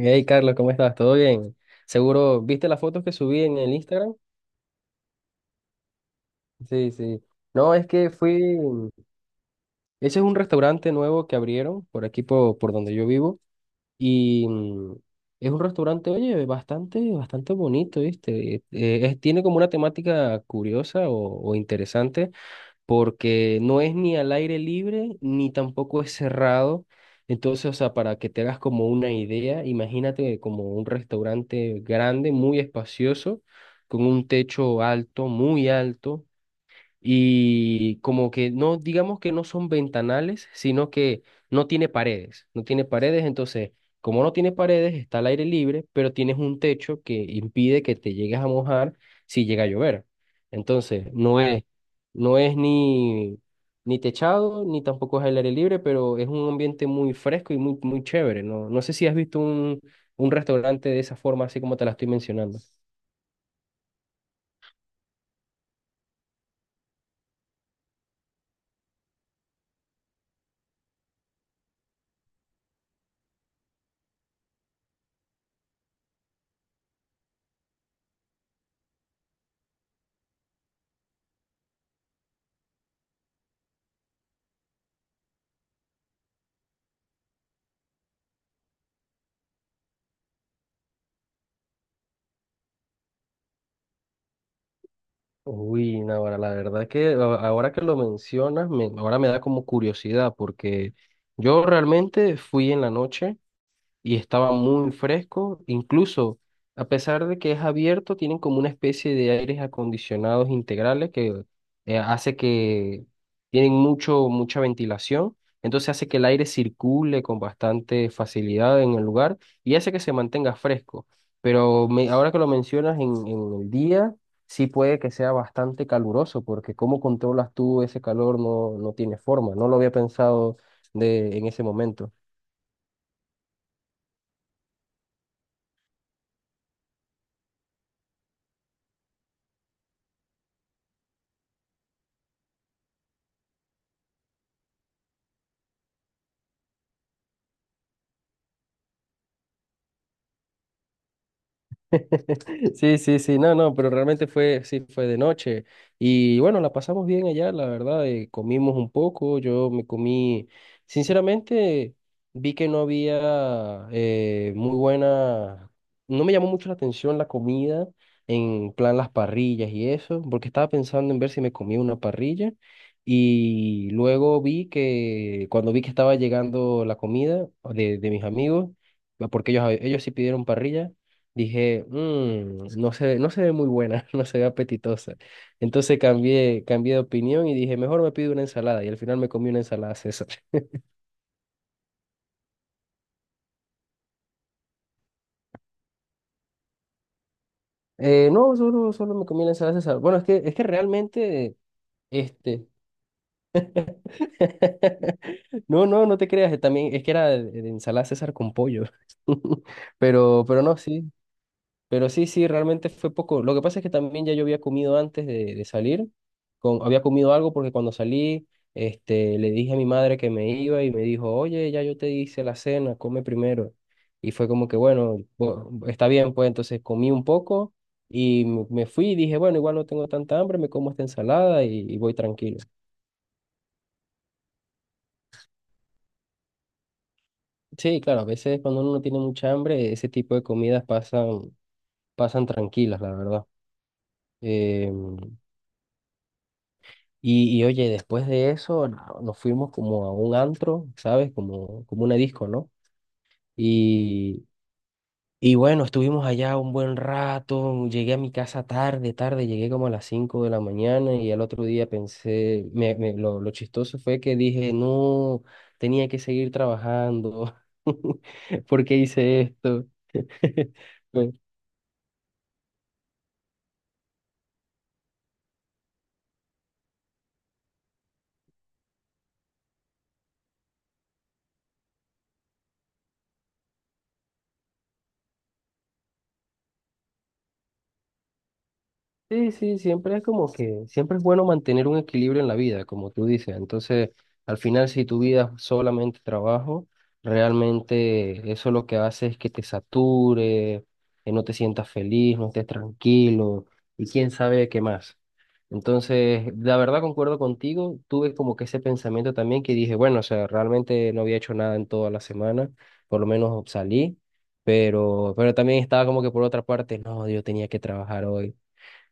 Hey, Carlos, ¿cómo estás? ¿Todo bien? Seguro, ¿viste las fotos que subí en el Instagram? Sí, sí. No, es que fui. Ese es un restaurante nuevo que abrieron por aquí, por donde yo vivo. Y es un restaurante, oye, bastante, bastante bonito, ¿viste? Tiene como una temática curiosa o interesante, porque no es ni al aire libre ni tampoco es cerrado. Entonces, o sea, para que te hagas como una idea, imagínate como un restaurante grande, muy espacioso, con un techo alto, muy alto, y como que no, digamos que no son ventanales, sino que no tiene paredes, no tiene paredes. Entonces, como no tiene paredes, está al aire libre, pero tienes un techo que impide que te llegues a mojar si llega a llover. Entonces, no es ni, techado, ni tampoco es al aire libre, pero es un ambiente muy fresco y muy, muy chévere, ¿no? No sé si has visto un restaurante de esa forma, así como te la estoy mencionando. Uy, Navarra, la verdad que ahora que lo mencionas, ahora me da como curiosidad, porque yo realmente fui en la noche y estaba muy fresco. Incluso, a pesar de que es abierto, tienen como una especie de aires acondicionados integrales que hace que tienen mucha ventilación. Entonces hace que el aire circule con bastante facilidad en el lugar y hace que se mantenga fresco. Pero ahora que lo mencionas en el día, sí puede que sea bastante caluroso, porque ¿cómo controlas tú ese calor? No, no tiene forma. No lo había pensado en ese momento. Sí, sí, sí, no, no, pero realmente fue, sí, fue de noche. Y bueno, la pasamos bien allá, la verdad. Comimos un poco, yo me comí, sinceramente, vi que no había, muy buena, no me llamó mucho la atención la comida, en plan las parrillas y eso, porque estaba pensando en ver si me comía una parrilla. Y luego vi que, cuando vi que estaba llegando la comida de mis amigos, porque ellos sí pidieron parrilla. Dije: "Mm, no se ve muy buena, no se ve apetitosa." Entonces cambié de opinión y dije, mejor me pido una ensalada. Y al final me comí una ensalada César. No, solo me comí la ensalada César. Bueno, es que realmente, este... No, no, no te creas, también es que era de ensalada César con pollo. Pero no, sí, pero sí, sí, realmente fue poco. Lo que pasa es que también ya yo había comido antes de salir. Había comido algo porque cuando salí, le dije a mi madre que me iba y me dijo: "Oye, ya yo te hice la cena, come primero." Y fue como que, bueno, está bien, pues entonces comí un poco y me fui y dije, bueno, igual no tengo tanta hambre, me como esta ensalada y, voy tranquilo. Sí, claro, a veces cuando uno no tiene mucha hambre, ese tipo de comidas pasan tranquilas, la verdad. Em, y oye, después de eso, nos fuimos como a un antro, ¿sabes? Como, como una disco, ¿no? Y, y bueno, estuvimos allá un buen rato, llegué a mi casa tarde, tarde, llegué como a las 5 de la mañana, y al otro día pensé, lo chistoso fue que dije: "No, tenía que seguir trabajando, ¿por qué hice esto?" Pues, sí, sí, siempre es como que, siempre es bueno mantener un equilibrio en la vida, como tú dices. Entonces, al final, si tu vida es solamente trabajo, realmente eso lo que hace es que te sature, que no te sientas feliz, no estés tranquilo, y quién sabe qué más. Entonces, la verdad, concuerdo contigo, tuve como que ese pensamiento también, que dije, bueno, o sea, realmente no había hecho nada en toda la semana, por lo menos salí, pero también estaba como que, por otra parte, no, yo tenía que trabajar hoy.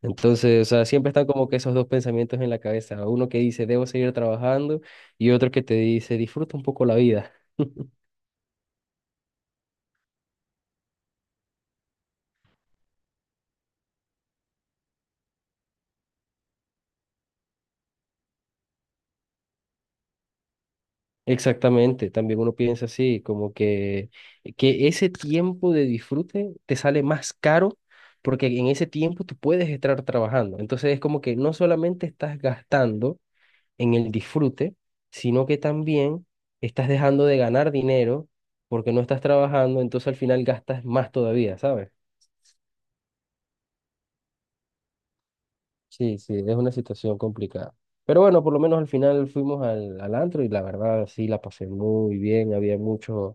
Entonces, o sea, siempre están como que esos dos pensamientos en la cabeza. Uno que dice, debo seguir trabajando, y otro que te dice, disfruta un poco la vida. Exactamente, también uno piensa así, como que ese tiempo de disfrute te sale más caro, porque en ese tiempo tú puedes estar trabajando. Entonces es como que no solamente estás gastando en el disfrute, sino que también estás dejando de ganar dinero porque no estás trabajando, entonces al final gastas más todavía, ¿sabes? Sí, sí, es una situación complicada. Pero bueno, por lo menos al final fuimos al, antro y la verdad sí la pasé muy bien. Había muchos,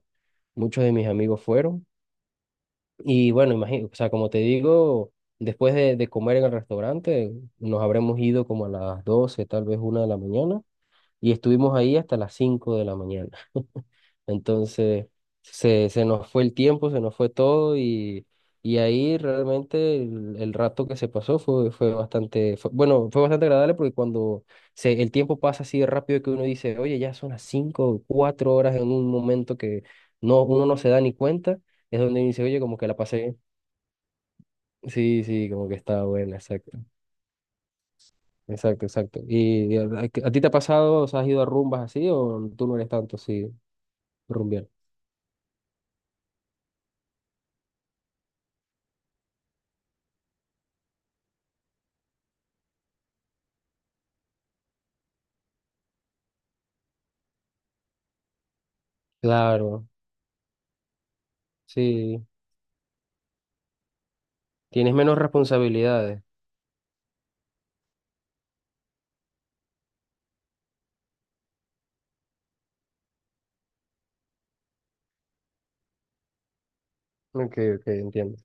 muchos de mis amigos fueron. Y bueno, imagino, o sea, como te digo, después de comer en el restaurante, nos habremos ido como a las 12, tal vez 1 de la mañana, y estuvimos ahí hasta las 5 de la mañana. Entonces, se nos fue el tiempo, se nos fue todo, y ahí realmente el rato que se pasó fue bastante, bueno, fue bastante agradable, porque cuando el tiempo pasa así de rápido, que uno dice, oye, ya son las 5 o 4 horas en un momento, que no, uno no se da ni cuenta. Es donde uno dice, oye, como que la pasé bien. Sí, sí, como que estaba buena, exacto. Exacto, exacto. ¿Y a ti te ha pasado, o sea, has ido a rumbas así o tú no eres tanto así, rumbiar? Claro, sí. Tienes menos responsabilidades. Ok, ok, entiendo.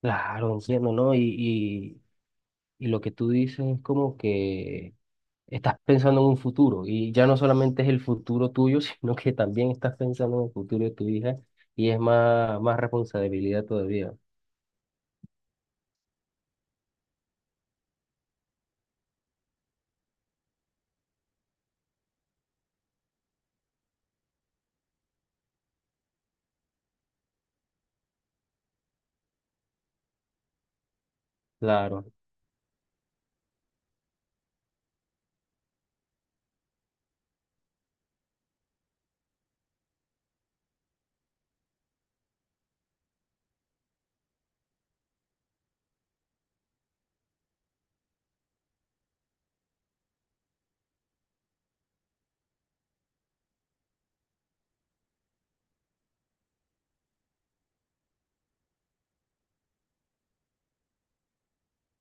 Claro, entiendo, ¿no? Y, y lo que tú dices es como que estás pensando en un futuro y ya no solamente es el futuro tuyo, sino que también estás pensando en el futuro de tu hija, y es más, más responsabilidad todavía. Claro.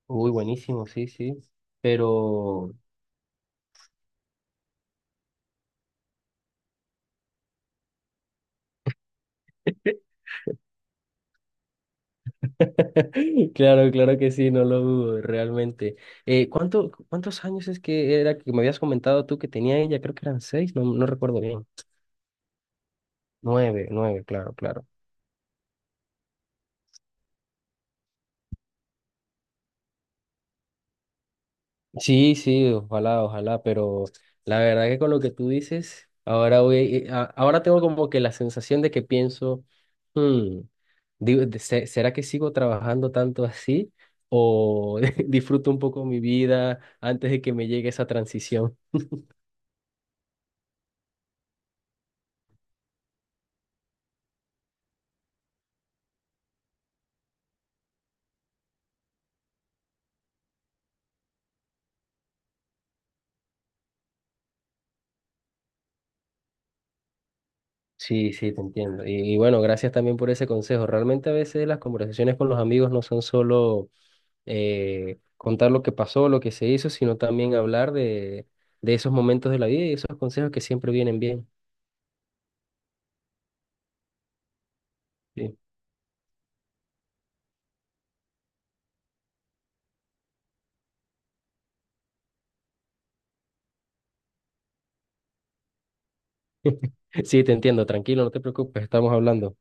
Uy, buenísimo, sí, sí. Pero... Claro, claro que sí, no lo dudo, realmente. ¿ Cuántos años es que era que me habías comentado tú que tenía ella? Creo que eran 6, no, no recuerdo bien. Nueve, nueve, claro, claro. Sí, sí, ojalá, ojalá, pero la verdad que con lo que tú dices, ahora voy, ahora tengo como que la sensación de que pienso, hmm, digo, ¿será que sigo trabajando tanto así, o disfruto un poco mi vida antes de que me llegue esa transición? Sí, sí, te entiendo. Y bueno, gracias también por ese consejo. Realmente, a veces las conversaciones con los amigos no son solo contar lo que pasó, lo que se hizo, sino también hablar de esos momentos de la vida y esos consejos que siempre vienen bien. Sí. Sí, te entiendo, tranquilo, no te preocupes, estamos hablando.